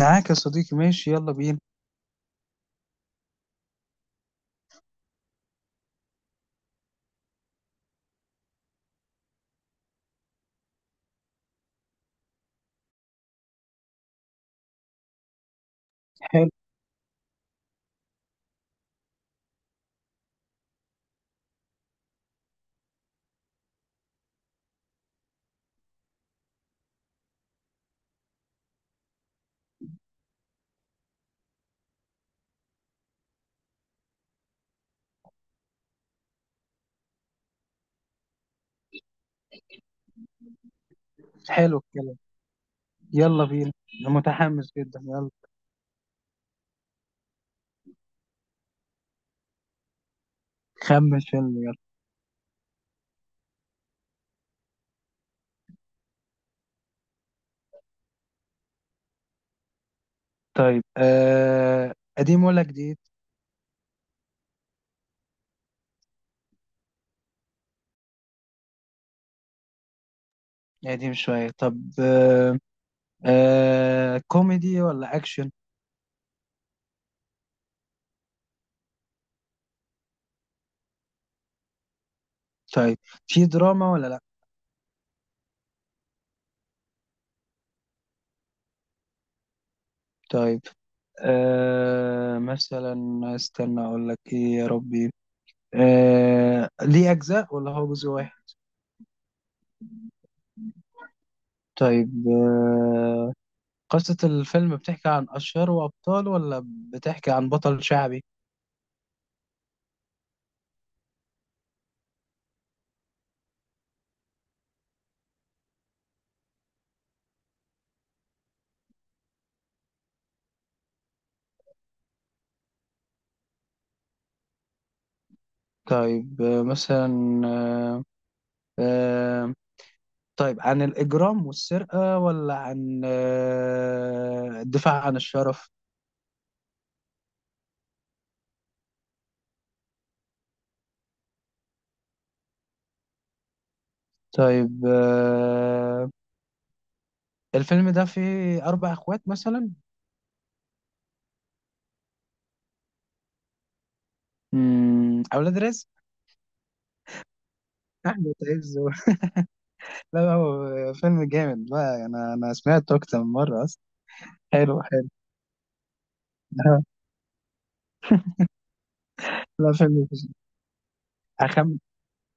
معاك يا صديقي، ماشي، يلا بينا. حلو حلو الكلام. يلا بينا. أنا متحمس جدا، يلا. خمن فيلم، يلا. طيب، قديم ولا جديد؟ قديم شوية. طب، كوميدي ولا أكشن؟ طيب، في دراما ولا لأ؟ طيب، مثلا. استنى أقول لك إيه يا ربي. ليه أجزاء ولا هو جزء واحد؟ طيب، قصة الفيلم بتحكي عن أشهره وأبطاله ولا بتحكي عن بطل شعبي؟ طيب، مثلا. آه، آه، طيب، عن الإجرام والسرقة ولا عن الدفاع عن الشرف؟ طيب، الفيلم ده فيه أربع أخوات مثلا. أولاد رزق. أحمد عز لا لا، هو فيلم جامد بقى. أنا سمعته أكتر من مرة أصلا. حلو حلو. لا، فيلم. أخمن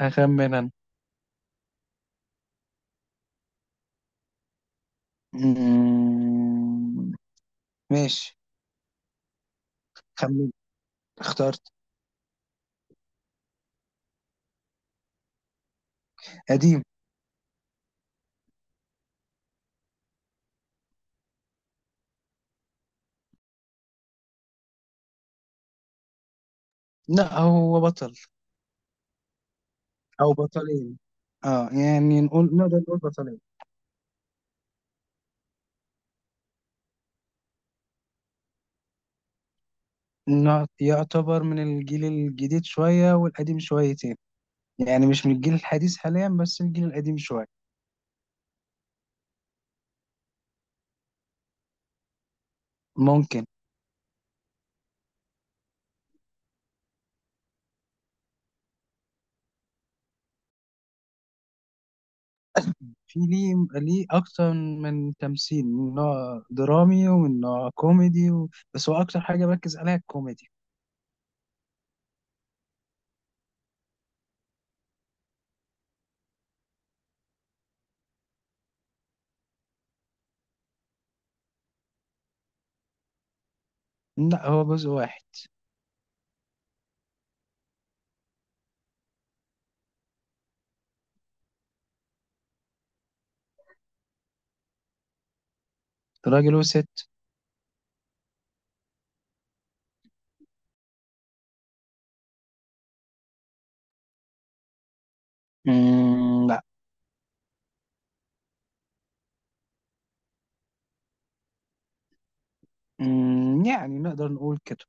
أخمن أنا. مم، ماشي. خمن. اخترت. قديم. لا، هو بطل. او بطلين. اه، يعني نقدر نقول بطلين. إنه يعتبر من الجيل الجديد شوية والقديم شويتين. يعني مش من الجيل الحديث حاليا، بس الجيل القديم شوية. ممكن. في ليه ليه أكتر من تمثيل من نوع درامي ومن نوع كوميدي بس هو أكتر حاجة بركز عليها الكوميدي. لا، هو جزء واحد. راجل وست. مم، لا. يعني نقدر نقول كده.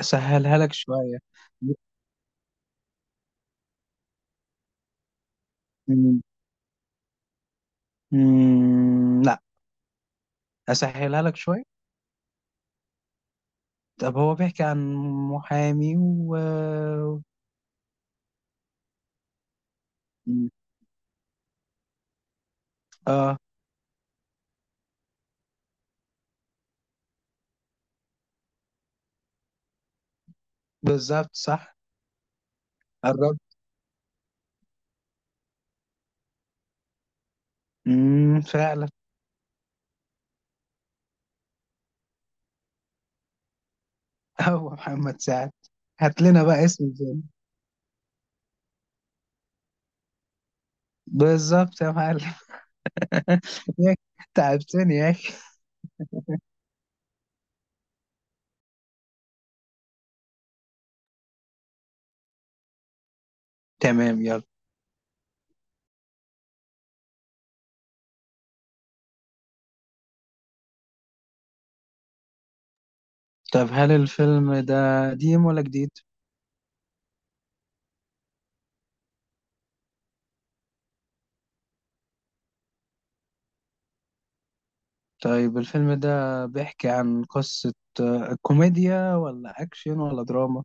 أسهلها لك شوية. مم. مم، لا. أسهلها لك شوية. طب، هو بيحكي عن محامي و. اه، بالظبط صح. قربت. فعلا. هو محمد سعد. هات لنا بقى اسم الفيلم. بالظبط يا معلم. يا أخي، تعبتني يا اخي. تمام، يلا. طب، هل الفيلم ده قديم ولا جديد؟ طيب، الفيلم ده بيحكي عن قصة كوميديا ولا أكشن ولا دراما؟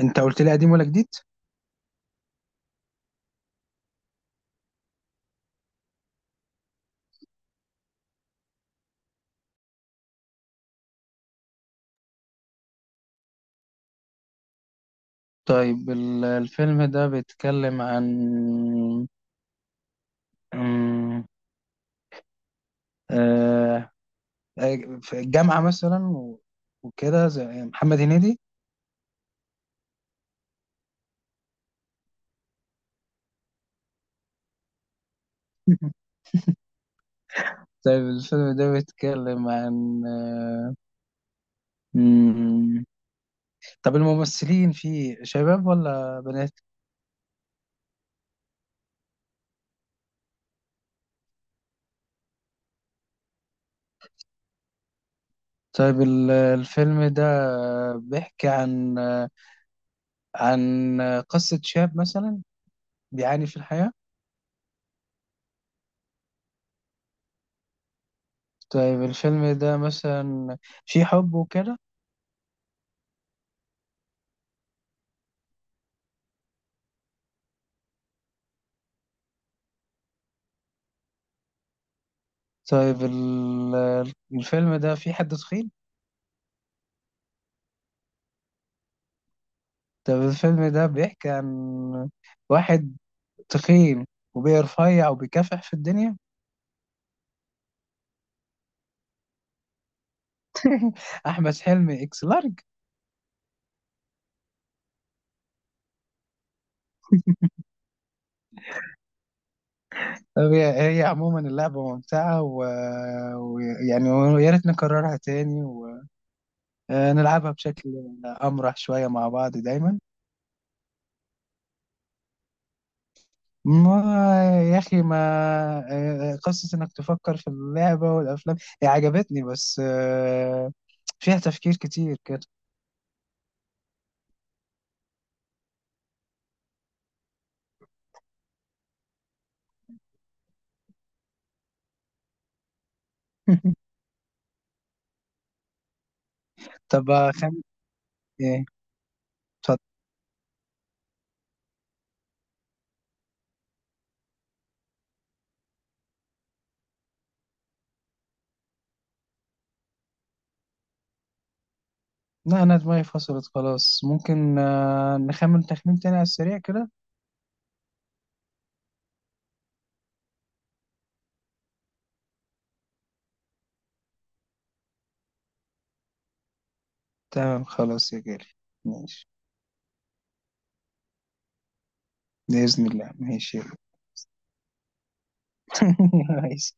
أنت قلت لي قديم ولا جديد؟ طيب، الفيلم ده بيتكلم عن آه، في الجامعة مثلا وكده زي محمد هنيدي. طيب، الفيلم ده بيتكلم عن مم، طب الممثلين فيه شباب ولا بنات؟ طيب، الفيلم ده بيحكي عن عن قصة شاب مثلا بيعاني في الحياة. طيب، الفيلم ده مثلا فيه حب وكده. طيب، الفيلم ده فيه حد تخين. طيب، الفيلم ده بيحكي عن واحد تخين، وبيرفيع، وبيكافح في الدنيا. احمد حلمي اكس لارج. طب، هي عموما اللعبه ممتعه، ويعني ويا ريت نكررها تاني، ونلعبها بشكل امرح شويه مع بعض دايما. ما يا اخي، ما قصه انك تفكر في اللعبه والافلام هي عجبتني، بس فيها تفكير كتير كده. طب خم... ايه. اتفضل. لا، أنا دماغي فصلت خلاص. ممكن نخمن تخمين تاني على السريع كده. تمام، خلاص يا جاري. ماشي. بإذن الله، ماشي. ماشي.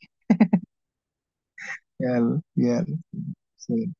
يلا يلا. سلام.